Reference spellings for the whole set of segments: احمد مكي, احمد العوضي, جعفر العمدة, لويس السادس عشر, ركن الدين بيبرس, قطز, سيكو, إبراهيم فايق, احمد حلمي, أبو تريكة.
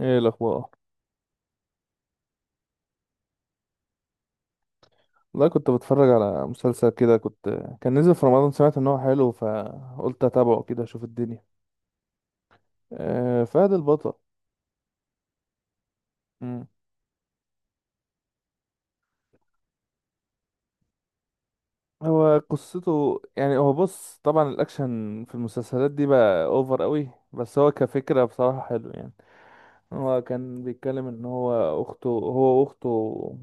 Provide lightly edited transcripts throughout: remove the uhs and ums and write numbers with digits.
ايه الاخبار؟ لا، كنت بتفرج على مسلسل كده. كان نزل في رمضان، سمعت ان هو حلو، فقلت اتابعه كده اشوف الدنيا. آه، فهد البطل. مم. هو قصته، يعني هو بص، طبعا الاكشن في المسلسلات دي بقى اوفر قوي، بس هو كفكرة بصراحة حلو يعني. هو كان بيتكلم ان هو واخته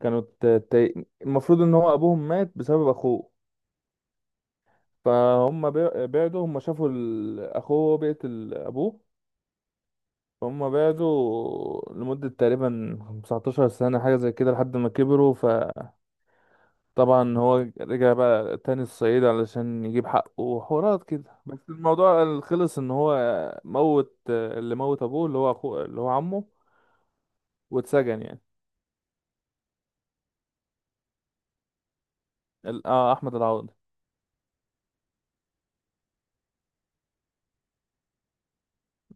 كانوا المفروض ان هو ابوهم مات بسبب اخوه. فهم بعدوا، هم شافوا اخوه بيقتل ابوه. هما بعدوا لمدة تقريبا 19 سنة، حاجة زي كده، لحد ما كبروا. فطبعا هو رجع بقى تاني الصعيد علشان يجيب حقه وحوارات كده، بس الموضوع خلص ان هو موت اللي موت ابوه اللي هو اخوه اللي هو عمه، واتسجن يعني. احمد العوضي.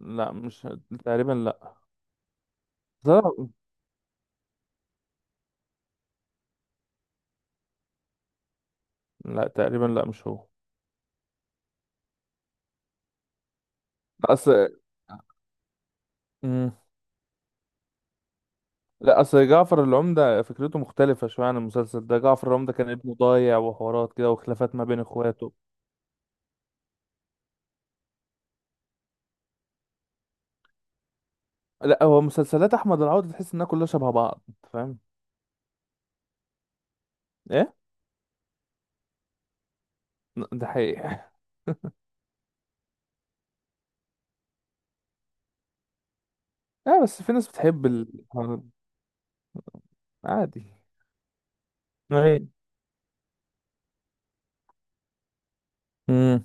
لا، مش. تقريبا لا. لا، لا، تقريبا لا مش هو. اصل. مم. لا، اصل جعفر العمدة فكرته مختلفة شوية عن المسلسل ده. جعفر العمدة كان ابنه ضايع وحوارات كده، وخلافات ما بين اخواته. لا، هو مسلسلات احمد العوضي تحس انها كلها شبه بعض، أنت فاهم. ايه. ده حقيقي. اه، بس في ناس بتحب. عادي. ايوه. امم.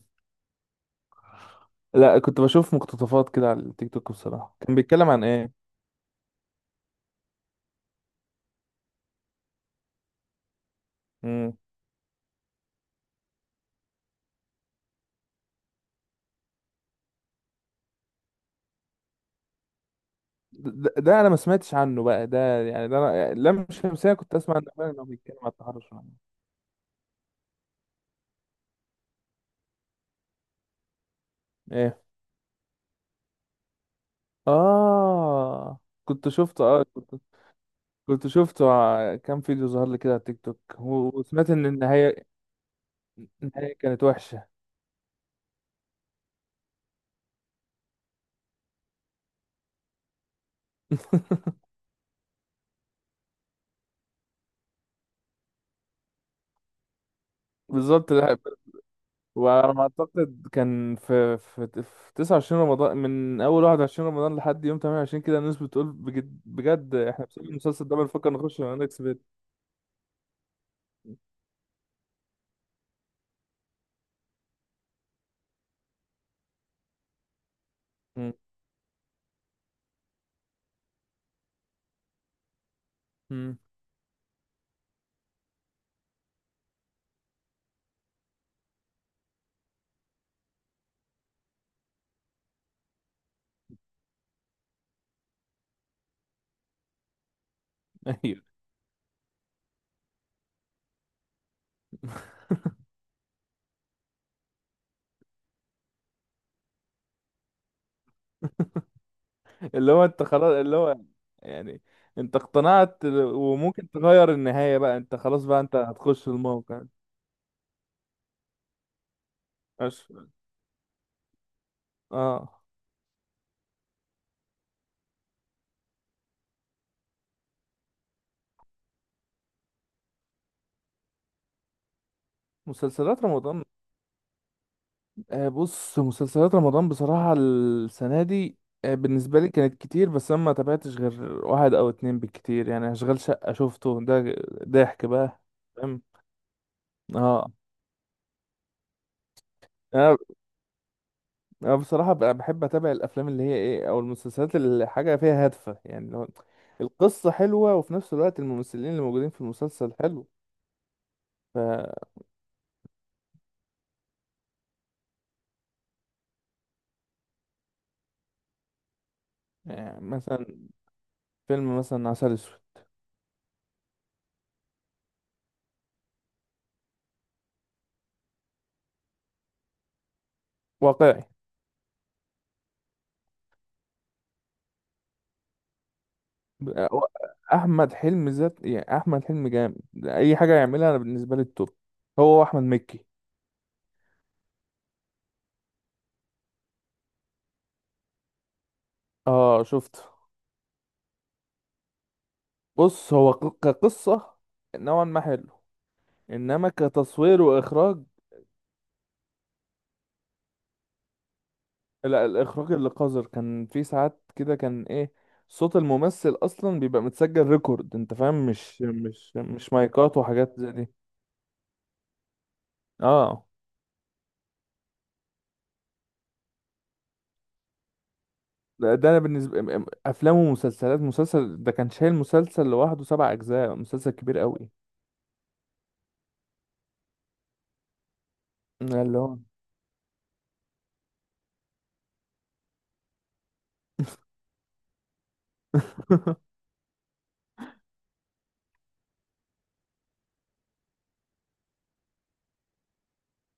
لا، كنت بشوف مقتطفات كده على التيك توك بصراحة. كان بيتكلم عن ايه؟ امم. ده انا ما سمعتش عنه بقى، ده يعني ده انا لم شمسية كنت اسمع عن أخبار انه بيتكلم عن التحرش والعنف. ايه. اه، كنت شفته. كنت شفته كام فيديو ظهر لي كده على التيك توك، وسمعت ان النهاية كانت وحشة. بالظبط، لا. وعلى ما اعتقد كان في 29 رمضان، من اول 21 رمضان لحد يوم 28 كده. الناس بتقول بجد بجد احنا بسبب المسلسل ده بنفكر نخش اكس بيت. مم. مم. ايوه. اللي هو انت خلاص، اللي هو، يعني انت اقتنعت وممكن تغير النهاية بقى، انت خلاص بقى، انت هتخش الموقع. أش... اه. مسلسلات رمضان. بص، مسلسلات رمضان بصراحة السنة دي بالنسبة لي كانت كتير، بس أنا ما تابعتش غير واحد أو اتنين بالكتير يعني. أشغال شقة شفته ده. ضحك بقى. فاهم. اه. أنا أنا بصراحة بقى بحب أتابع الأفلام اللي هي إيه، أو المسلسلات اللي حاجة فيها هادفة، يعني اللي هو القصة حلوة وفي نفس الوقت الممثلين اللي موجودين في المسلسل حلو. ف. يعني مثلا فيلم مثلا عسل أسود. واقعي. هو احمد حلمي، ذات يعني، احمد حلمي جامد. اي حاجه يعملها انا بالنسبه لي التوب. هو احمد مكي. اه، شفته. بص، هو كقصه نوعا ما حلو. انما كتصوير واخراج، لا، الاخراج اللي قذر كان في ساعات كده كان ايه. صوت الممثل اصلا بيبقى متسجل ريكورد، انت فاهم، مش مايكات وحاجات زي دي. اه. لا، ده انا بالنسبه افلام ومسلسلات. مسلسل ده كان شايل مسلسل لوحده سبع اجزاء، مسلسل كبير قوي. اللي هو.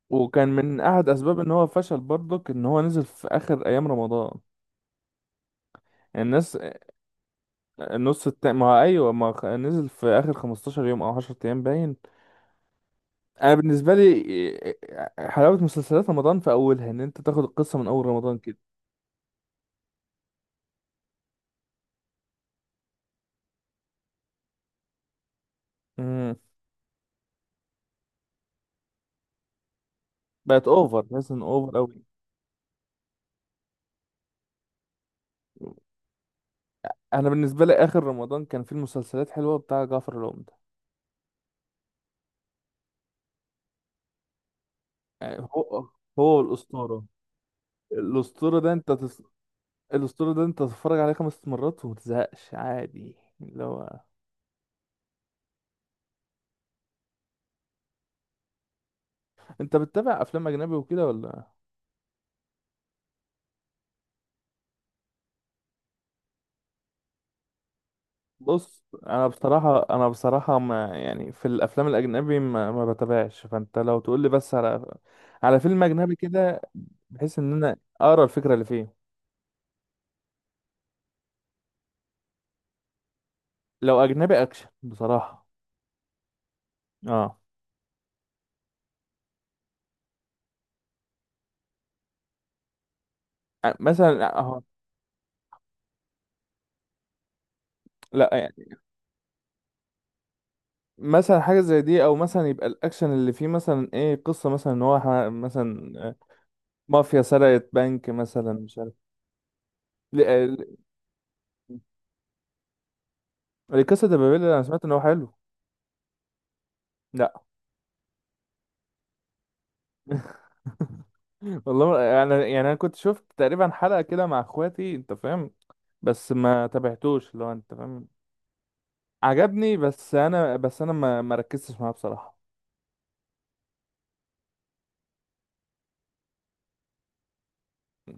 وكان من احد اسباب ان هو فشل برضك ان هو نزل في اخر ايام رمضان. يعني الناس. النص التاني، ما هو ايوه، ما خ- نزل في اخر 15 يوم او 10 ايام باين. انا بالنسبه لي حلاوه مسلسلات رمضان في اولها، ان انت تاخد القصه من اول رمضان كده. امم. بقت اوفر، مثلا اوفر قوي. انا بالنسبه لي اخر رمضان كان فيه المسلسلات حلوه، بتاع جعفر العمدة. يعني هو الاسطوره ده انت الاسطوره ده انت تتفرج عليه خمس مرات وما تزهقش عادي. اللي هو. انت بتتابع افلام اجنبي وكده ولا؟ بص، انا بصراحه ما، يعني في الافلام الاجنبي ما بتابعش، فانت لو تقول لي بس على فيلم اجنبي كده بحيث ان انا اقرا الفكره اللي فيه. لو اجنبي اكشن بصراحه. اه. مثلا، اه. لا، يعني مثلا حاجه زي دي، او مثلا يبقى الاكشن اللي فيه مثلا ايه، قصه مثلا ان هو مثلا، مافيا سرقت بنك مثلا، مش عارف. القصة ده بابيل، انا سمعت ان هو حلو. لا. والله، يعني انا كنت شفت تقريبا حلقة كده مع اخواتي، انت فاهم، بس ما تابعتوش، لو انت فاهم. عجبني، بس انا ما ركزتش معاه بصراحة.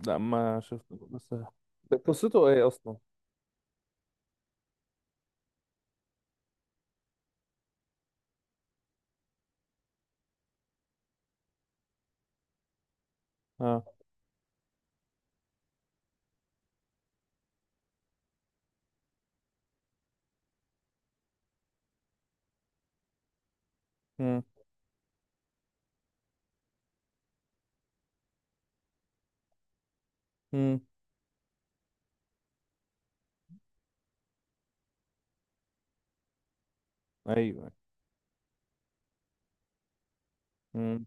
لا، ما شفت بس. ده قصته ايه اصلا؟ اه. امم. امم. ايوه. امم.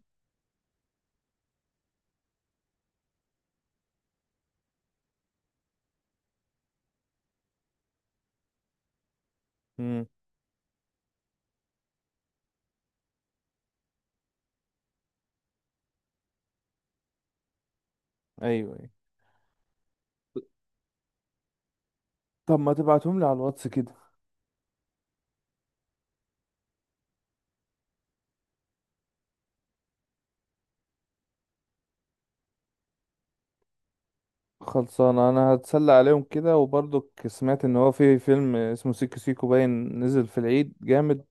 امم. ايوه. أيوة. طب ما تبعتهم لي على الواتس كده. خلصان، انا هتسلى عليهم كده، وبرضك سمعت ان هو في فيلم اسمه سيكو سيكو باين نزل في العيد جامد.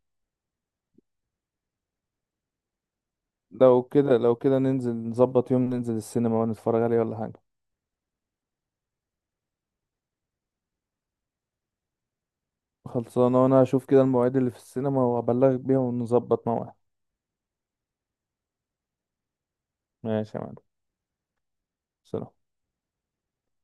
لو كده ننزل نظبط يوم ننزل السينما ونتفرج عليه ولا حاجة. خلصانة، وانا هشوف كده المواعيد اللي في السينما وابلغك بيها ونظبط موعد. ماشي يا معلم. سلام.